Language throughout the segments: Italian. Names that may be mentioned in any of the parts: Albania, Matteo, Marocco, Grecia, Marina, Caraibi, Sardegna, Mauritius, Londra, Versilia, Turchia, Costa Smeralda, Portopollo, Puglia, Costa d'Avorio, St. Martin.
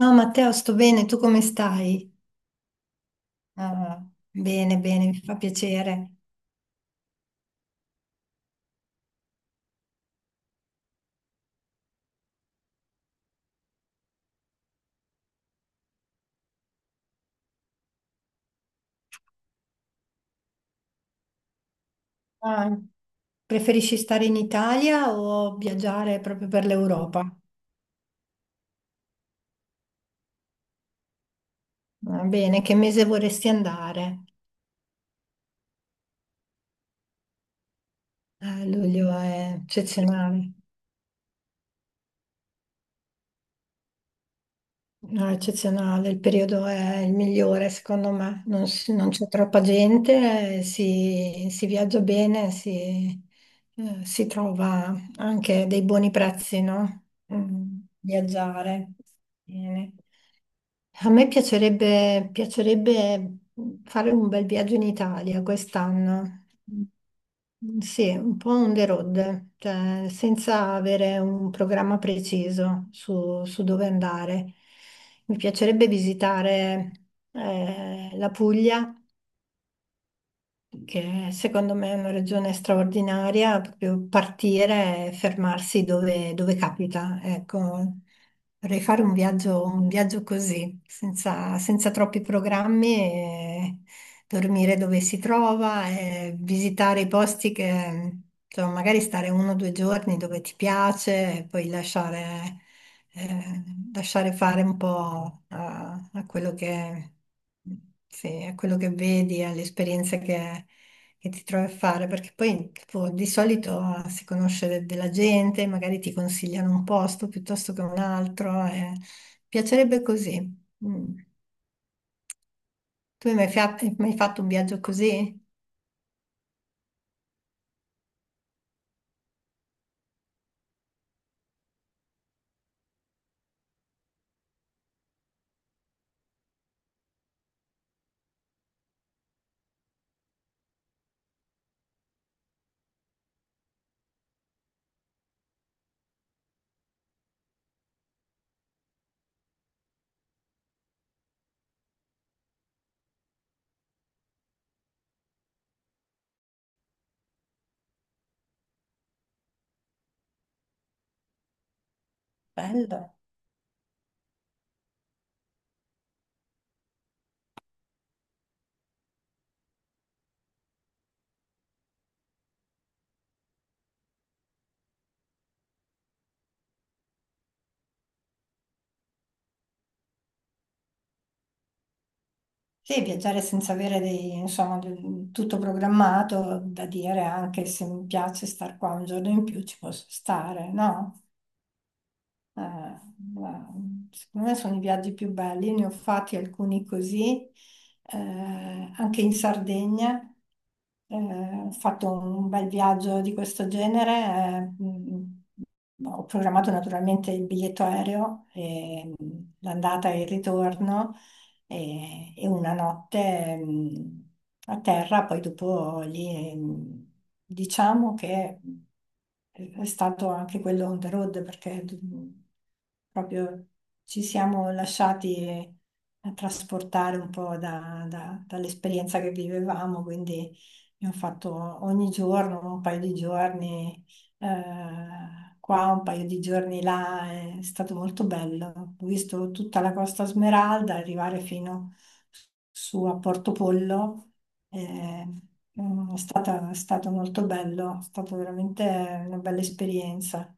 No, Matteo, sto bene, tu come stai? Ah, bene, bene, mi fa piacere. Ah, preferisci stare in Italia o viaggiare proprio per l'Europa? Va bene, che mese vorresti andare? Ah, luglio è eccezionale. No, è eccezionale, il periodo è il migliore secondo me, non, non c'è troppa gente, si, si viaggia bene, si, si trova anche dei buoni prezzi, no? Mm, viaggiare. Bene. A me piacerebbe fare un bel viaggio in Italia quest'anno. Sì, un po' on the road, cioè senza avere un programma preciso su dove andare. Mi piacerebbe visitare la Puglia che secondo me è una regione straordinaria, proprio partire e fermarsi dove capita. Ecco, vorrei fare un viaggio così, senza troppi programmi, e dormire dove si trova, e visitare i posti che, insomma, magari stare uno o due giorni dove ti piace e poi lasciare eh, lasciare fare un po' a quello che, sì, a quello che vedi, alle esperienze che ti trovi a fare, perché poi tipo, di solito si conosce della gente, magari ti consigliano un posto piuttosto che un altro, e piacerebbe così. Mm. Tu hai mai, hai mai fatto un viaggio così? Bello. Sì, viaggiare senza avere insomma, tutto programmato, da dire anche se mi piace star qua un giorno in più ci posso stare, no? Eh, ma secondo me sono i viaggi più belli, ne ho fatti alcuni così, anche in Sardegna. Ho fatto un bel viaggio di questo genere, ho programmato naturalmente il biglietto aereo, e l'andata e il ritorno e una notte a terra, poi dopo lì diciamo che è stato anche quello on the road perché proprio ci siamo lasciati trasportare un po' dall'esperienza che vivevamo, quindi abbiamo fatto ogni giorno un paio di giorni qua, un paio di giorni là, è stato molto bello. Ho visto tutta la Costa Smeralda arrivare fino su a Portopollo. eh, è stato molto bello, è stata veramente una bella esperienza.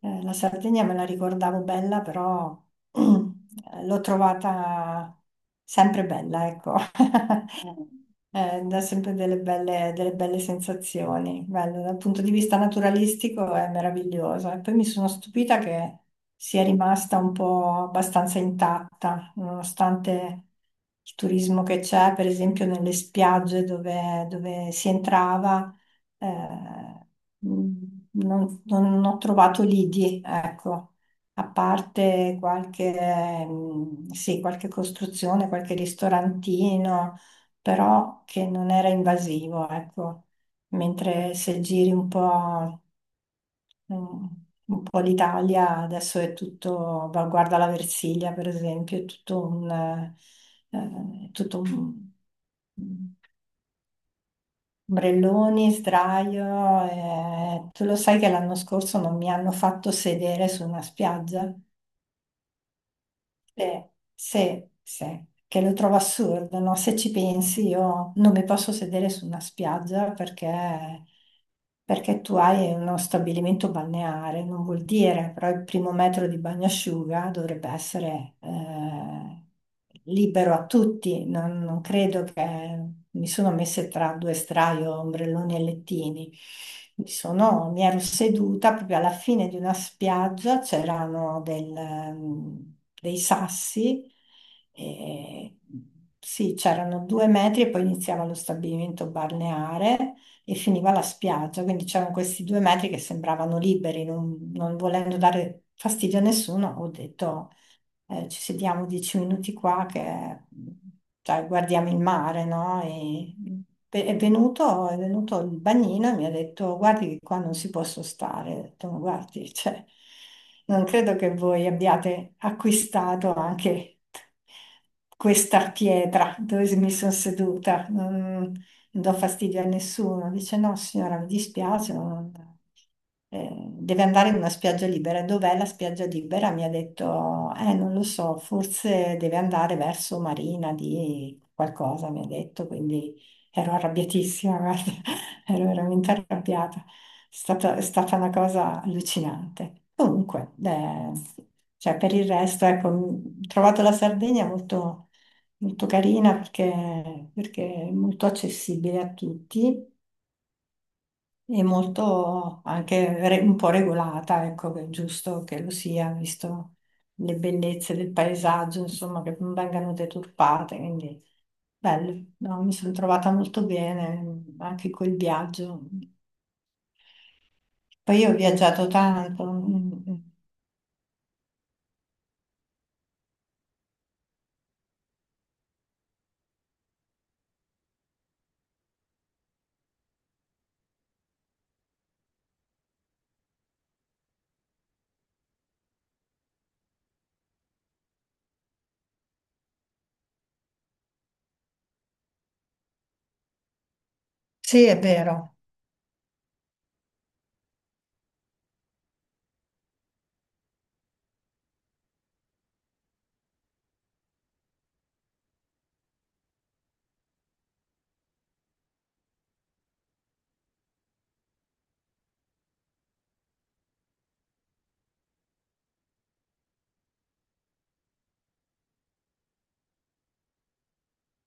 La Sardegna me la ricordavo bella, però l'ho trovata sempre bella, ecco. Eh, dà sempre delle belle sensazioni. Bello, dal punto di vista naturalistico è meraviglioso. E poi mi sono stupita che sia rimasta un po' abbastanza intatta, nonostante il turismo che c'è, per esempio nelle spiagge dove si entrava, eh, non, non ho trovato lidi, ecco. A parte qualche, sì, qualche costruzione, qualche ristorantino, però che non era invasivo, ecco. Mentre se giri un po', mm, un po' l'Italia, adesso è tutto, guarda la Versilia per esempio, è tutto un, eh, tutto un- mm, ombrelloni, sdraio. Eh, tu lo sai che l'anno scorso non mi hanno fatto sedere su una spiaggia? Beh, sì, sì, che lo trovo assurdo, no? Se ci pensi, io non mi posso sedere su una spiaggia perché, perché tu hai uno stabilimento balneare, non vuol dire, però il primo metro di bagnasciuga dovrebbe essere libero a tutti, non, non credo che mi sono messa tra due straio, ombrelloni e lettini. Mi ero seduta proprio alla fine di una spiaggia, c'erano dei sassi, e, sì, c'erano due metri e poi iniziava lo stabilimento balneare e finiva la spiaggia, quindi c'erano questi due metri che sembravano liberi, non, non volendo dare fastidio a nessuno, ho detto ci sediamo dieci minuti qua che cioè, guardiamo il mare, no? E è venuto il bagnino e mi ha detto, guardi che qua non si può stare. Ho detto, "Ma guardi, cioè, non credo che voi abbiate acquistato anche questa pietra dove mi sono seduta. Non do fastidio a nessuno." Dice no, signora, mi dispiace, deve andare in una spiaggia libera. E dov'è la spiaggia libera? Mi ha detto, non lo so, forse deve andare verso Marina di qualcosa, mi ha detto, quindi ero arrabbiatissima, guarda, ero veramente arrabbiata. È stata una cosa allucinante. Comunque, cioè, per il resto, ecco, ho trovato la Sardegna molto carina perché, perché è molto accessibile a tutti e molto anche un po' regolata, ecco, che è giusto che lo sia, visto le bellezze del paesaggio, insomma, che non vengano deturpate, quindi bello, no, mi sono trovata molto bene anche col viaggio. Poi io ho viaggiato tanto, sì, è vero.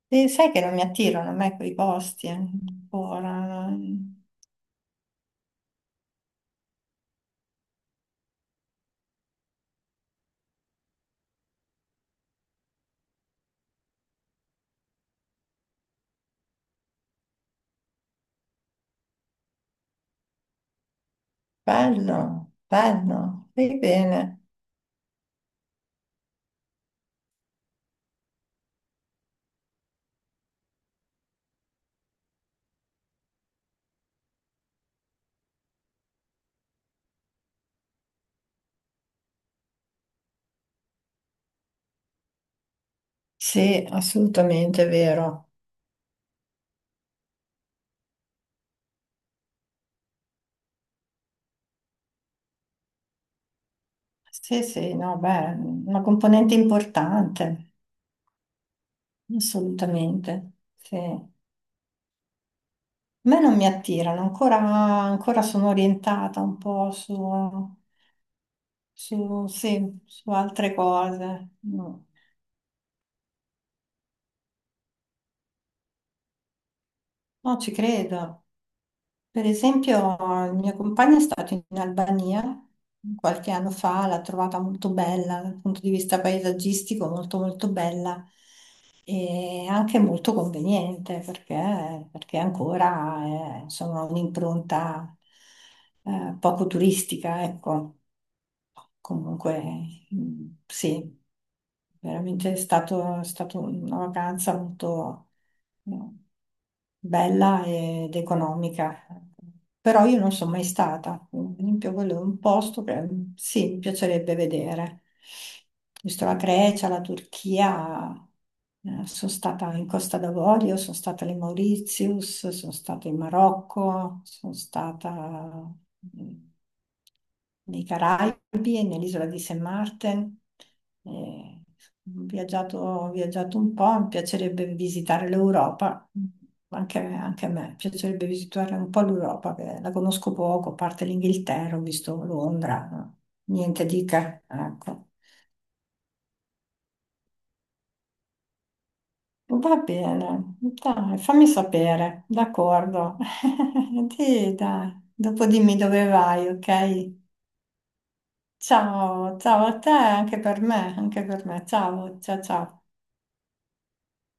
E sai che non mi attirano a me quei posti ancora. No, bello, bello, vai bene. Sì, assolutamente è vero. Sì, sì, no, beh, una componente importante, assolutamente. Sì. A me non mi attirano, ancora sono orientata un po' su, sì, su altre cose. No, no, ci credo. Per esempio, il mio compagno è stato in Albania qualche anno fa, l'ha trovata molto bella dal punto di vista paesaggistico, molto molto bella e anche molto conveniente perché, perché ancora è, insomma, un'impronta poco turistica, ecco. Comunque, sì, veramente è stata una vacanza molto mm, bella ed economica. Però io non sono mai stata. Per esempio, quello è un posto che sì, mi piacerebbe vedere. Visto la Grecia, la Turchia, sono stata in Costa d'Avorio, sono stata alle Mauritius, sono stata in Marocco, sono stata nei Caraibi e nell'isola di St. Martin. Eh, ho viaggiato un po', mi piacerebbe visitare l'Europa, anche, anche a me, piacerebbe visitare un po' l'Europa, che la conosco poco, a parte l'Inghilterra, ho visto Londra, no? Niente di che, ecco. Va bene, dai, fammi sapere, d'accordo. Sì, dai, dopo dimmi dove vai, ok? Ciao, ciao a te, anche per me, anche per me. Ciao, ciao, ciao.